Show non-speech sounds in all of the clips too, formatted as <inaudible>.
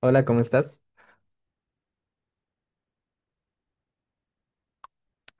Hola, ¿cómo estás?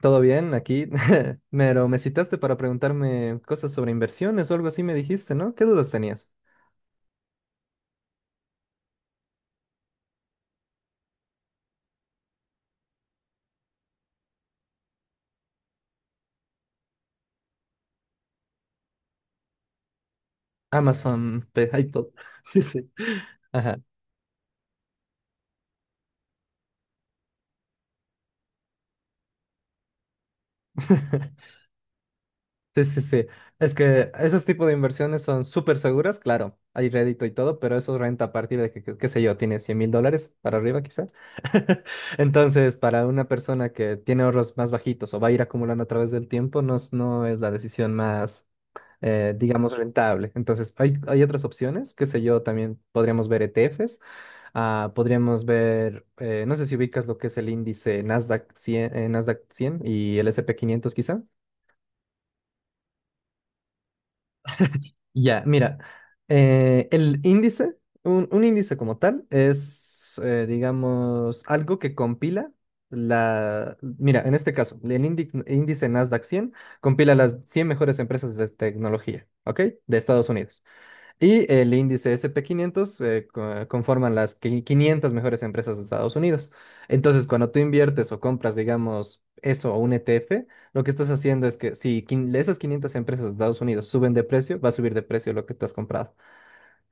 ¿Todo bien aquí? <laughs> Pero me citaste para preguntarme cosas sobre inversiones o algo así me dijiste, ¿no? ¿Qué dudas tenías? Amazon, iPod. <laughs> Sí, sí. Ajá. <laughs> Sí, sí, sí. Es que esos tipos de inversiones son súper seguras, claro, hay rédito y todo, pero eso renta a partir de qué sé yo, tiene 100.000 dólares para arriba quizá. <laughs> Entonces, para una persona que tiene ahorros más bajitos o va a ir acumulando a través del tiempo, no, no es la decisión más digamos, rentable. Entonces, hay otras opciones, qué sé yo, también podríamos ver ETFs, ah, podríamos ver, no sé si ubicas lo que es el índice Nasdaq 100, Nasdaq 100 y el S&P 500 quizá. Ya, mira, el índice, un índice como tal es, digamos, algo que compila mira, en este caso, el índice Nasdaq 100 compila las 100 mejores empresas de tecnología, ¿ok? De Estados Unidos. Y el índice S&P 500 conforman las 500 mejores empresas de Estados Unidos. Entonces, cuando tú inviertes o compras, digamos, eso o un ETF, lo que estás haciendo es que si quin- esas 500 empresas de Estados Unidos suben de precio, va a subir de precio lo que tú has comprado.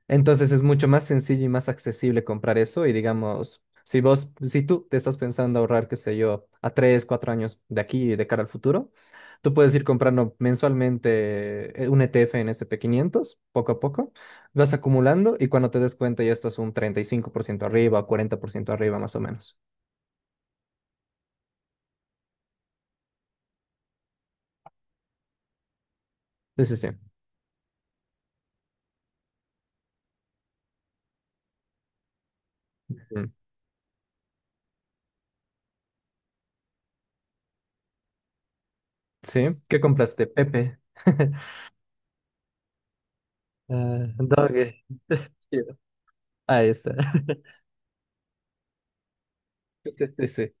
Entonces es mucho más sencillo y más accesible comprar eso y digamos, si tú te estás pensando ahorrar, qué sé yo, a 3, 4 años de aquí y de cara al futuro, tú puedes ir comprando mensualmente un ETF en S&P 500 poco a poco, vas acumulando y cuando te des cuenta ya estás un 35% arriba, o 40% arriba más o menos. Sí, sí, sí. Mm. ¿Sí? ¿Qué compraste, Pepe? <laughs> Ah, Doge. <laughs> Chido. Ahí está. <laughs> Sí, sí, sí.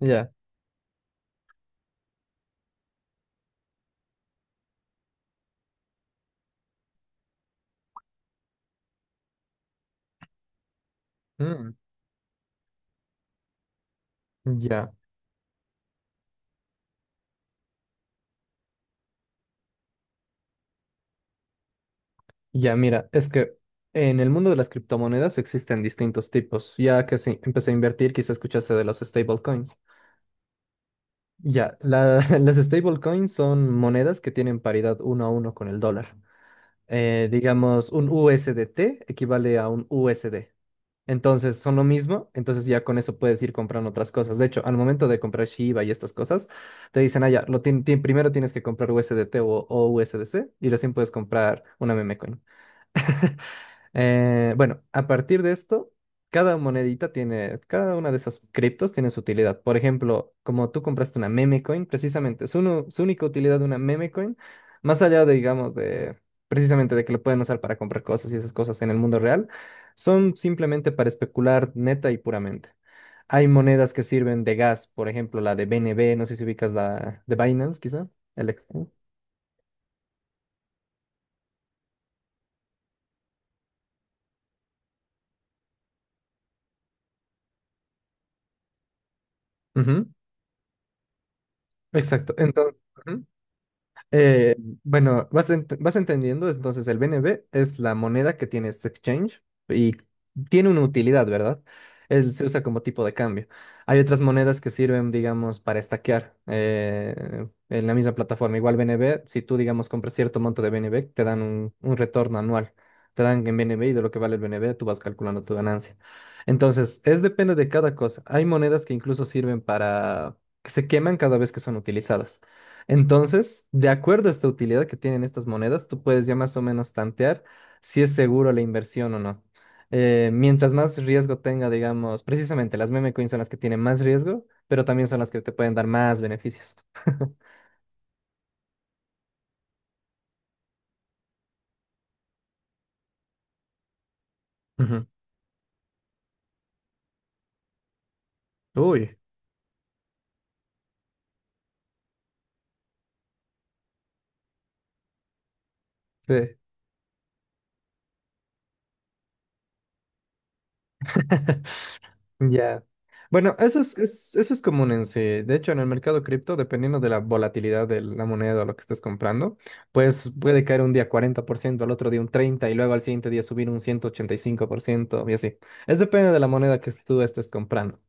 Ya. Mm. Ya. Ya, mira, es que en el mundo de las criptomonedas existen distintos tipos. Ya que sí, empecé a invertir, quizá escuchaste de los stablecoins. Ya, <laughs> las stablecoins son monedas que tienen paridad uno a uno con el dólar. Digamos, un USDT equivale a un USD. Entonces son lo mismo, entonces ya con eso puedes ir comprando otras cosas. De hecho, al momento de comprar Shiba y estas cosas, te dicen, ah, ya, primero tienes que comprar USDT o USDC y recién puedes comprar una meme coin. <laughs> Bueno, a partir de esto, cada una de esas criptos tiene su utilidad. Por ejemplo, como tú compraste una meme coin, precisamente, su única utilidad de una meme coin, más allá de, digamos, de precisamente de que lo pueden usar para comprar cosas y esas cosas en el mundo real, son simplemente para especular neta y puramente. Hay monedas que sirven de gas, por ejemplo, la de BNB, no sé si ubicas la de Binance, quizá, el ex. ujú, exacto. Entonces, Eh, bueno, vas entendiendo, entonces el BNB es la moneda que tiene este exchange y tiene una utilidad, ¿verdad? Él se usa como tipo de cambio. Hay otras monedas que sirven, digamos, para estaquear en la misma plataforma. Igual BNB, si tú, digamos, compras cierto monto de BNB, te dan un retorno anual. Te dan en BNB y de lo que vale el BNB, tú vas calculando tu ganancia. Entonces, es depende de cada cosa. Hay monedas que incluso sirven para que se queman cada vez que son utilizadas. Entonces, de acuerdo a esta utilidad que tienen estas monedas, tú puedes ya más o menos tantear si es seguro la inversión o no. Mientras más riesgo tenga, digamos, precisamente las meme coins son las que tienen más riesgo, pero también son las que te pueden dar más beneficios. <laughs> Ujú. Uy, sí. <laughs> Ya. Bueno, eso eso es común en sí. De hecho, en el mercado cripto, dependiendo de la volatilidad de la moneda o lo que estés comprando, pues puede caer un día 40% al otro día un 30% y luego al siguiente día subir un 185% y así. Es depende de la moneda que tú estés comprando.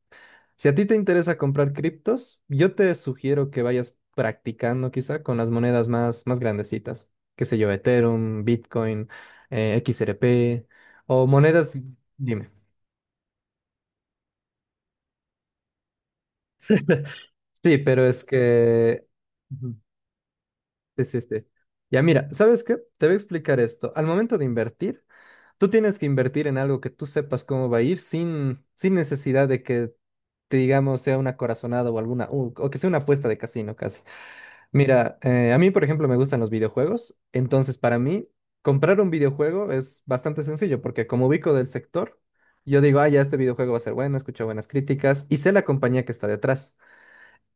Si a ti te interesa comprar criptos, yo te sugiero que vayas practicando quizá con las monedas más grandecitas. Qué sé yo, Ethereum, Bitcoin, XRP o monedas... Dime. <laughs> Sí, pero es que... Ujú, sí, sí, sí. Ya mira, ¿sabes qué? Te voy a explicar esto. Al momento de invertir, tú tienes que invertir en algo que tú sepas cómo va a ir sin necesidad de que, te digamos, sea una corazonada o o que sea una apuesta de casino casi. Mira, a mí, por ejemplo, me gustan los videojuegos, entonces para mí, comprar un videojuego es bastante sencillo porque como ubico del sector, yo digo, ah, ya este videojuego va a ser bueno, escucho buenas críticas y sé la compañía que está detrás.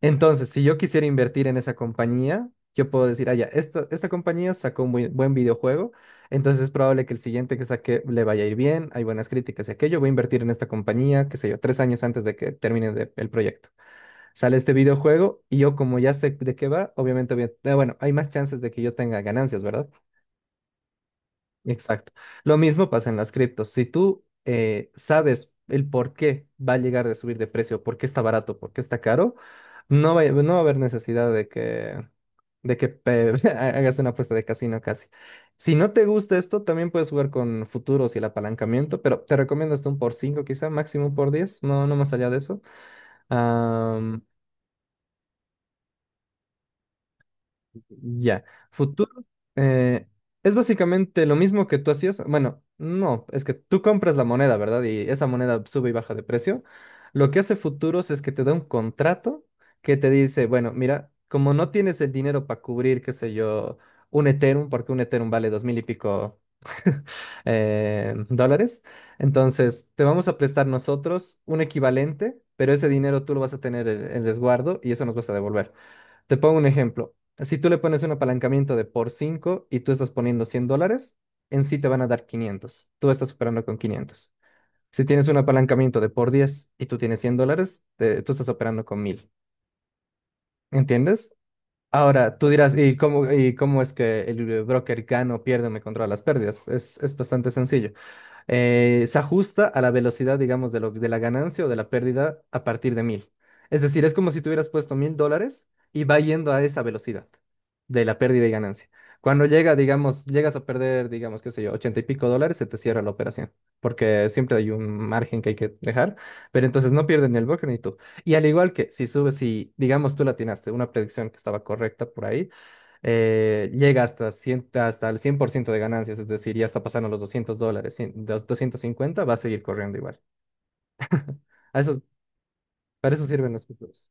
Entonces, si yo quisiera invertir en esa compañía, yo puedo decir, ah, ya, esta compañía sacó un buen, buen videojuego, entonces es probable que el siguiente que saque le vaya a ir bien, hay buenas críticas y aquello, voy a invertir en esta compañía, qué sé yo, 3 años antes de que termine el proyecto. Sale este videojuego y yo como ya sé de qué va, obviamente, bueno, hay más chances de que yo tenga ganancias, ¿verdad? Exacto. Lo mismo pasa en las criptos. Si tú sabes el por qué va a llegar de subir de precio, por qué está barato, por qué está caro, no va a haber necesidad de que, <laughs> hagas una apuesta de casino casi. Si no te gusta esto, también puedes jugar con futuros y el apalancamiento, pero te recomiendo hasta un por 5, quizá, máximo un por 10, no, no más allá de eso. Ya. Futuro eh, es básicamente lo mismo que tú hacías. Bueno, no, es que tú compras la moneda, ¿verdad? Y esa moneda sube y baja de precio. Lo que hace Futuros es que te da un contrato que te dice, bueno, mira, como no tienes el dinero para cubrir, qué sé yo, un Ethereum, porque un Ethereum vale 2.000 y pico <laughs> dólares, entonces te vamos a prestar nosotros un equivalente, pero ese dinero tú lo vas a tener en el resguardo y eso nos vas a devolver. Te pongo un ejemplo. Si tú le pones un apalancamiento de por 5 y tú estás poniendo 100 dólares, en sí te van a dar 500. Tú estás operando con 500. Si tienes un apalancamiento de por 10 y tú tienes 100 dólares, tú estás operando con 1.000. ¿Entiendes? Ahora, tú dirás, ¿y cómo es que el broker gana o pierde o me controla las pérdidas? Es bastante sencillo se ajusta a la velocidad, digamos, de la ganancia o de la pérdida a partir de 1.000. Es decir, es como si tuvieras puesto 1.000 dólares y va yendo a esa velocidad de la pérdida y ganancia. Cuando llega, digamos, llegas a perder, digamos, qué sé yo, 80 y pico dólares, se te cierra la operación, porque siempre hay un margen que hay que dejar, pero entonces no pierdes ni el broker ni tú. Y al igual que si subes, si, digamos, tú la atinaste, una predicción que estaba correcta por ahí, llega hasta, 100 hasta el 100% de ganancias, es decir, ya está pasando los 200 dólares, 100 250 va a seguir corriendo igual. <laughs> A eso- para eso sirven los futuros.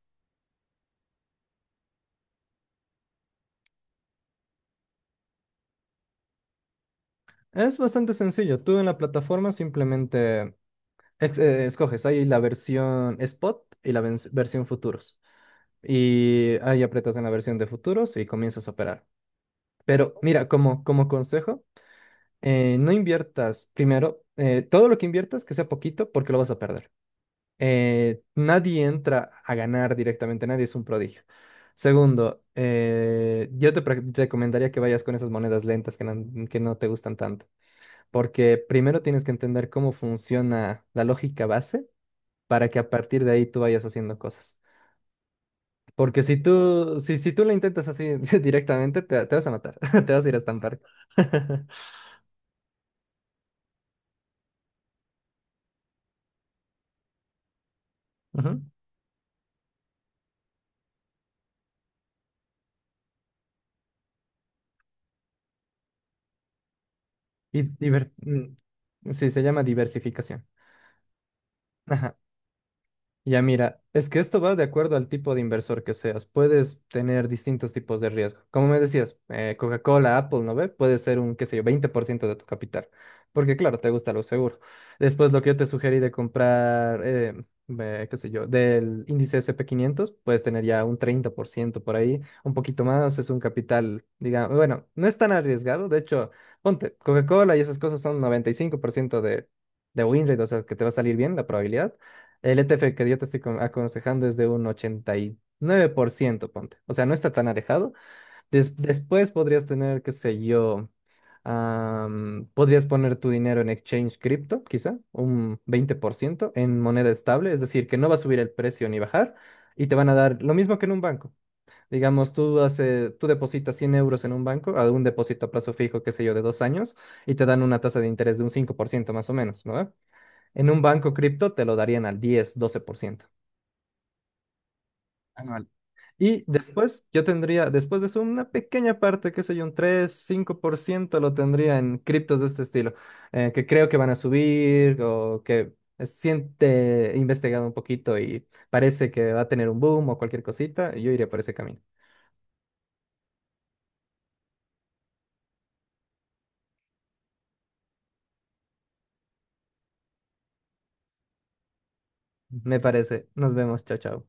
Es bastante sencillo. Tú en la plataforma simplemente escoges ahí la versión spot y la versión futuros. Y ahí aprietas en la versión de futuros y comienzas a operar. Pero mira, como consejo, no inviertas primero, todo lo que inviertas que sea poquito porque lo vas a perder. Nadie entra a ganar directamente, nadie es un prodigio. Segundo, yo te recomendaría que vayas con esas monedas lentas que no te gustan tanto, porque primero tienes que entender cómo funciona la lógica base para que a partir de ahí tú vayas haciendo cosas. Porque si tú lo intentas así <laughs> directamente, te vas a matar, <laughs> te vas a ir a estampar. <laughs> Ujú. Y sí, se llama diversificación. Ajá. Ya mira, es que esto va de acuerdo al tipo de inversor que seas. Puedes tener distintos tipos de riesgo. Como me decías, Coca-Cola, Apple, ¿no ve? Puede ser un, qué sé yo, 20% de tu capital. Porque claro, te gusta lo seguro. Después lo que yo te sugerí de comprar, qué sé yo, del índice S and P 500 puedes tener ya un 30% por ahí. Un poquito más es un capital, digamos, bueno, no es tan arriesgado. De hecho, ponte, Coca-Cola y esas cosas son 95% de win rate, o sea, que te va a salir bien la probabilidad. El ETF que yo te estoy aconsejando es de un 89%, ponte. O sea, no está tan alejado. Después podrías tener, qué sé yo, podrías poner tu dinero en exchange cripto, quizá, un 20% en moneda estable, es decir, que no va a subir el precio ni bajar y te van a dar lo mismo que en un banco. Digamos, tú depositas 100 euros en un banco, a un depósito a plazo fijo, qué sé yo, de 2 años, y te dan una tasa de interés de un 5% más o menos, ¿no? En un banco cripto te lo darían al 10, 12% anual. Y después yo tendría, después de eso, una pequeña parte, qué sé yo, un 3, 5% lo tendría en criptos de este estilo, que creo que van a subir o que siente he investigado un poquito y parece que va a tener un boom o cualquier cosita, y yo iría por ese camino. Me parece. Nos vemos. Chao, chao.